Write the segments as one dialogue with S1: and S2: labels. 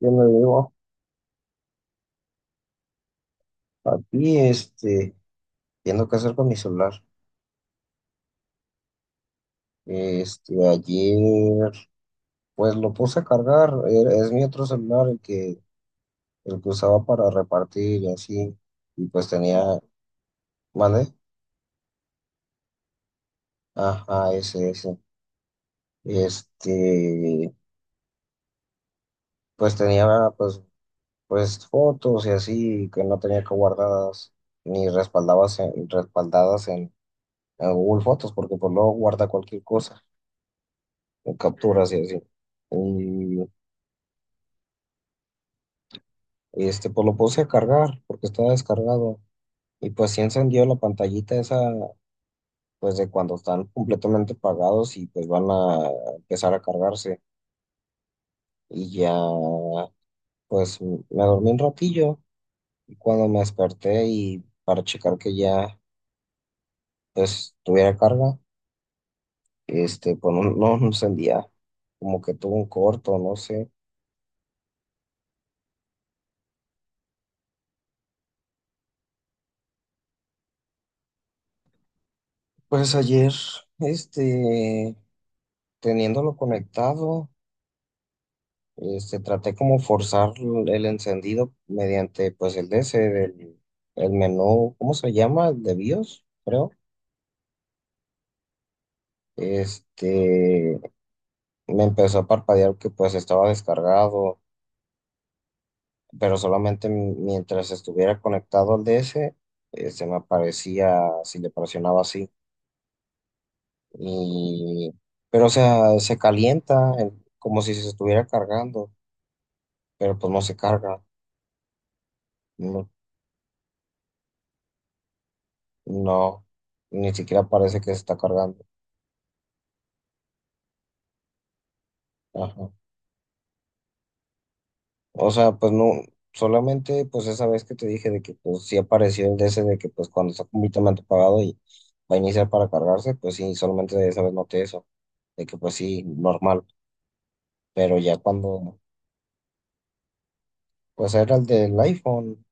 S1: Yo me digo aquí, viendo qué hacer con mi celular. Ayer, pues lo puse a cargar, es mi otro celular el que usaba para repartir y así, y ¿vale? Ajá, ese, ese. Este, pues pues, pues fotos y así, que no tenía que guardadas, ni respaldadas en Google Fotos, porque pues luego guarda cualquier cosa, en capturas y así. y pues lo puse a cargar porque estaba descargado y pues sí encendió la pantallita esa, pues de cuando están completamente pagados y pues van a empezar a cargarse. Y ya, pues me dormí un ratillo y cuando me desperté y para checar que ya, pues tuviera carga, pues no encendía, como que tuvo un corto, no sé. Pues ayer, este, teniéndolo conectado. Traté como forzar el encendido mediante pues el DS del el menú, ¿cómo se llama? De BIOS, creo. Este, Me empezó a parpadear que pues estaba descargado, pero solamente mientras estuviera conectado al DS, me aparecía si le presionaba así. Y, pero o sea, se calienta como si se estuviera cargando, pero pues no se carga. No, no, ni siquiera parece que se está cargando. Ajá. O sea, pues no, solamente pues esa vez que te dije de que pues sí apareció el DC de que pues cuando está completamente apagado y va a iniciar para cargarse, pues sí, solamente de esa vez noté eso, de que pues sí, normal, pero ya cuando pues era el del iPhone,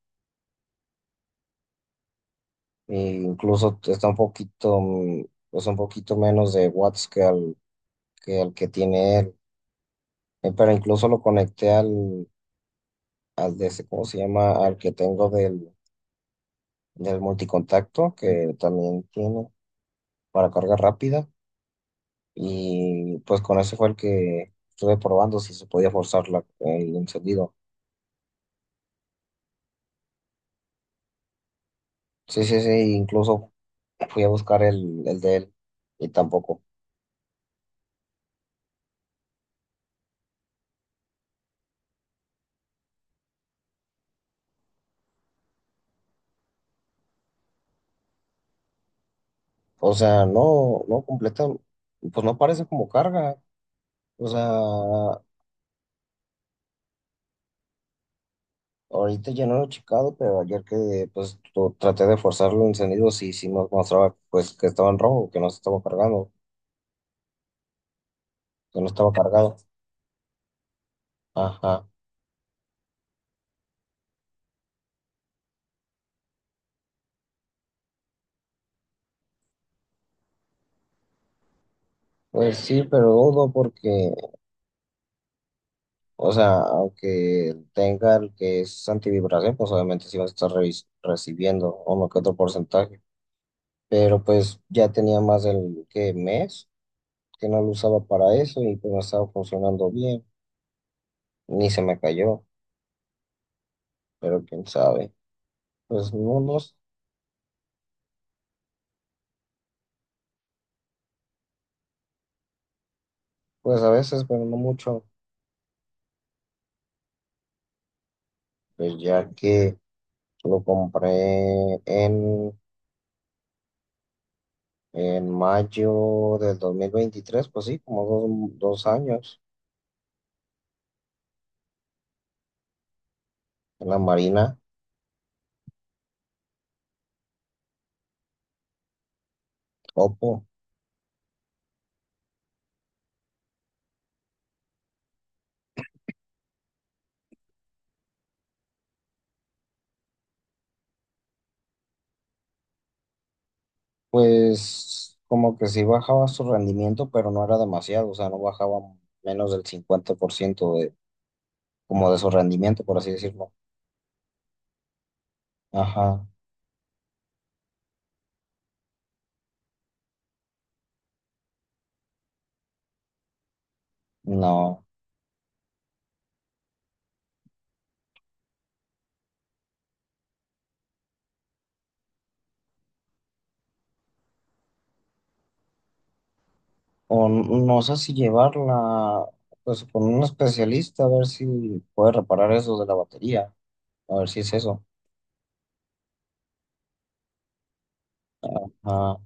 S1: e incluso está un poquito, pues un poquito menos de watts que al que tiene él. Pero incluso lo conecté al DC, ¿cómo se llama? Al que tengo del multicontacto, que también tiene para carga rápida. Y pues con ese fue el que estuve probando si se podía forzar el encendido. Sí, incluso fui a buscar el de él y tampoco. O sea, no, no completa, pues no parece como carga. O sea, ahorita ya no lo he checado, pero ayer que pues traté de forzarlo el encendido, sí, sí nos mostraba pues que estaba en rojo, que no se estaba cargando, que no estaba cargado. Ajá. Pues sí, pero dudo porque o sea, aunque tenga el que es antivibración, pues obviamente sí va a estar recibiendo uno que otro porcentaje. Pero pues ya tenía más del que mes que no lo usaba para eso y pues no estaba funcionando bien. Ni se me cayó, pero quién sabe. Pues no, no, pues a veces, pero no mucho. Pues ya que lo compré en mayo del 2023, pues sí, como dos, dos años en la Marina. Oppo. Pues como que sí bajaba su rendimiento, pero no era demasiado, o sea, no bajaba menos del 50% de, como de su rendimiento, por así decirlo. Ajá, no. O no sé si llevarla, pues con un especialista, a ver si puede reparar eso de la batería, a ver si es eso. Ajá,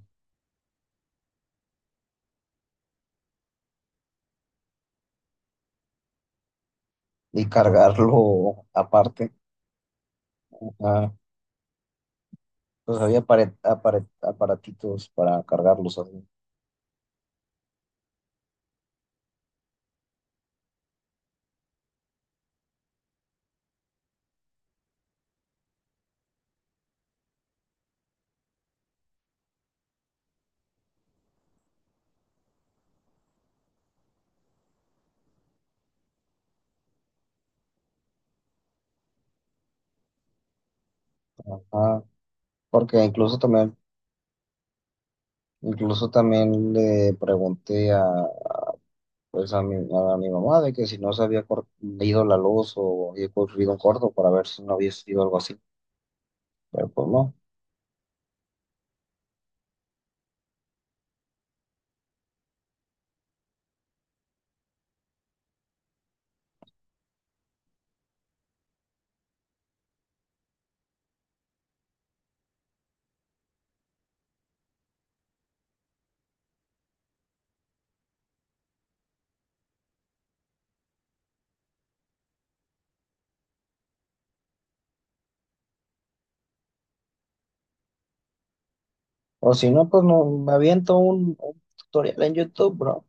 S1: y cargarlo aparte. Ajá, pues había aparatitos para cargarlos así. Ajá, porque incluso también incluso también le pregunté a, pues a mi mamá de que si no se había ido la luz o había ocurrido un corto para ver si no había sido algo así, pero pues no. O si no, pues no, me aviento un tutorial en YouTube, bro.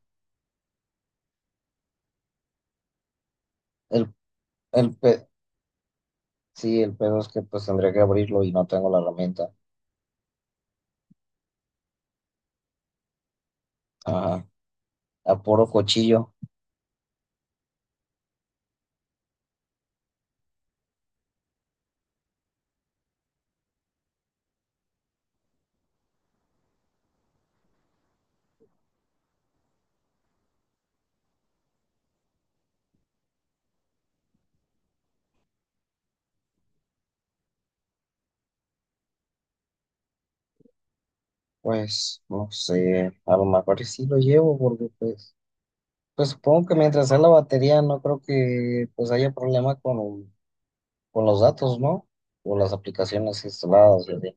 S1: El, el pe- sí, el pedo es que pues tendría que abrirlo y no tengo la herramienta. Ajá. A puro cuchillo, pues no sé, a lo mejor y sí lo llevo porque pues, pues supongo que mientras sea la batería no creo que pues haya problema con... Con los datos, ¿no? O las aplicaciones instaladas, y así.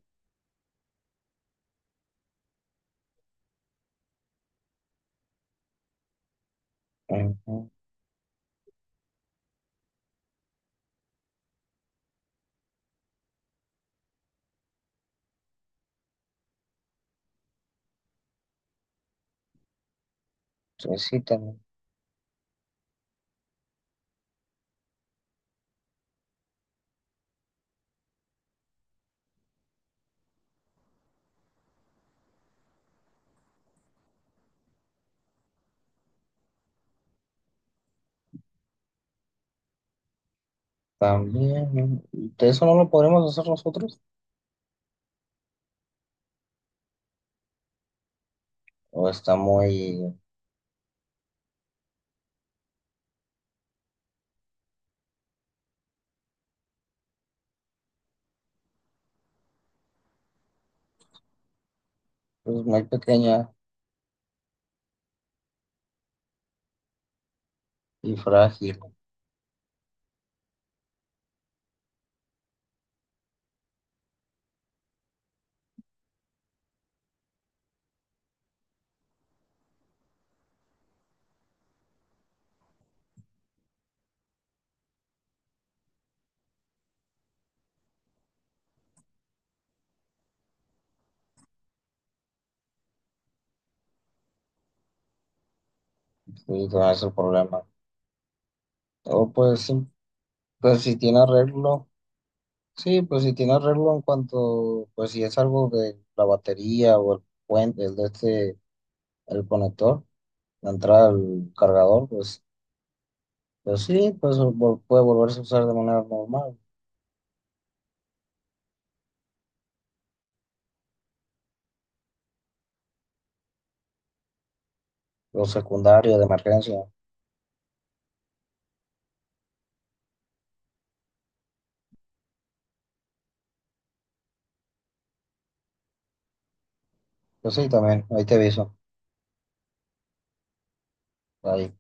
S1: Ujú. Pues sí, tam- también. ¿De eso no lo podremos hacer nosotros? ¿O está muy, pues, muy pequeña y frágil? Sí, no es el problema. O pues, sí, pues si tiene arreglo. Sí, pues si tiene arreglo en cuanto, pues si es algo de la batería o el puente, el de este, el conector, la entrada al cargador, pues, pues sí, pues puede volverse a usar de manera normal. Los secundarios de emergencia. Pues sí, también, ahí te aviso. Ahí.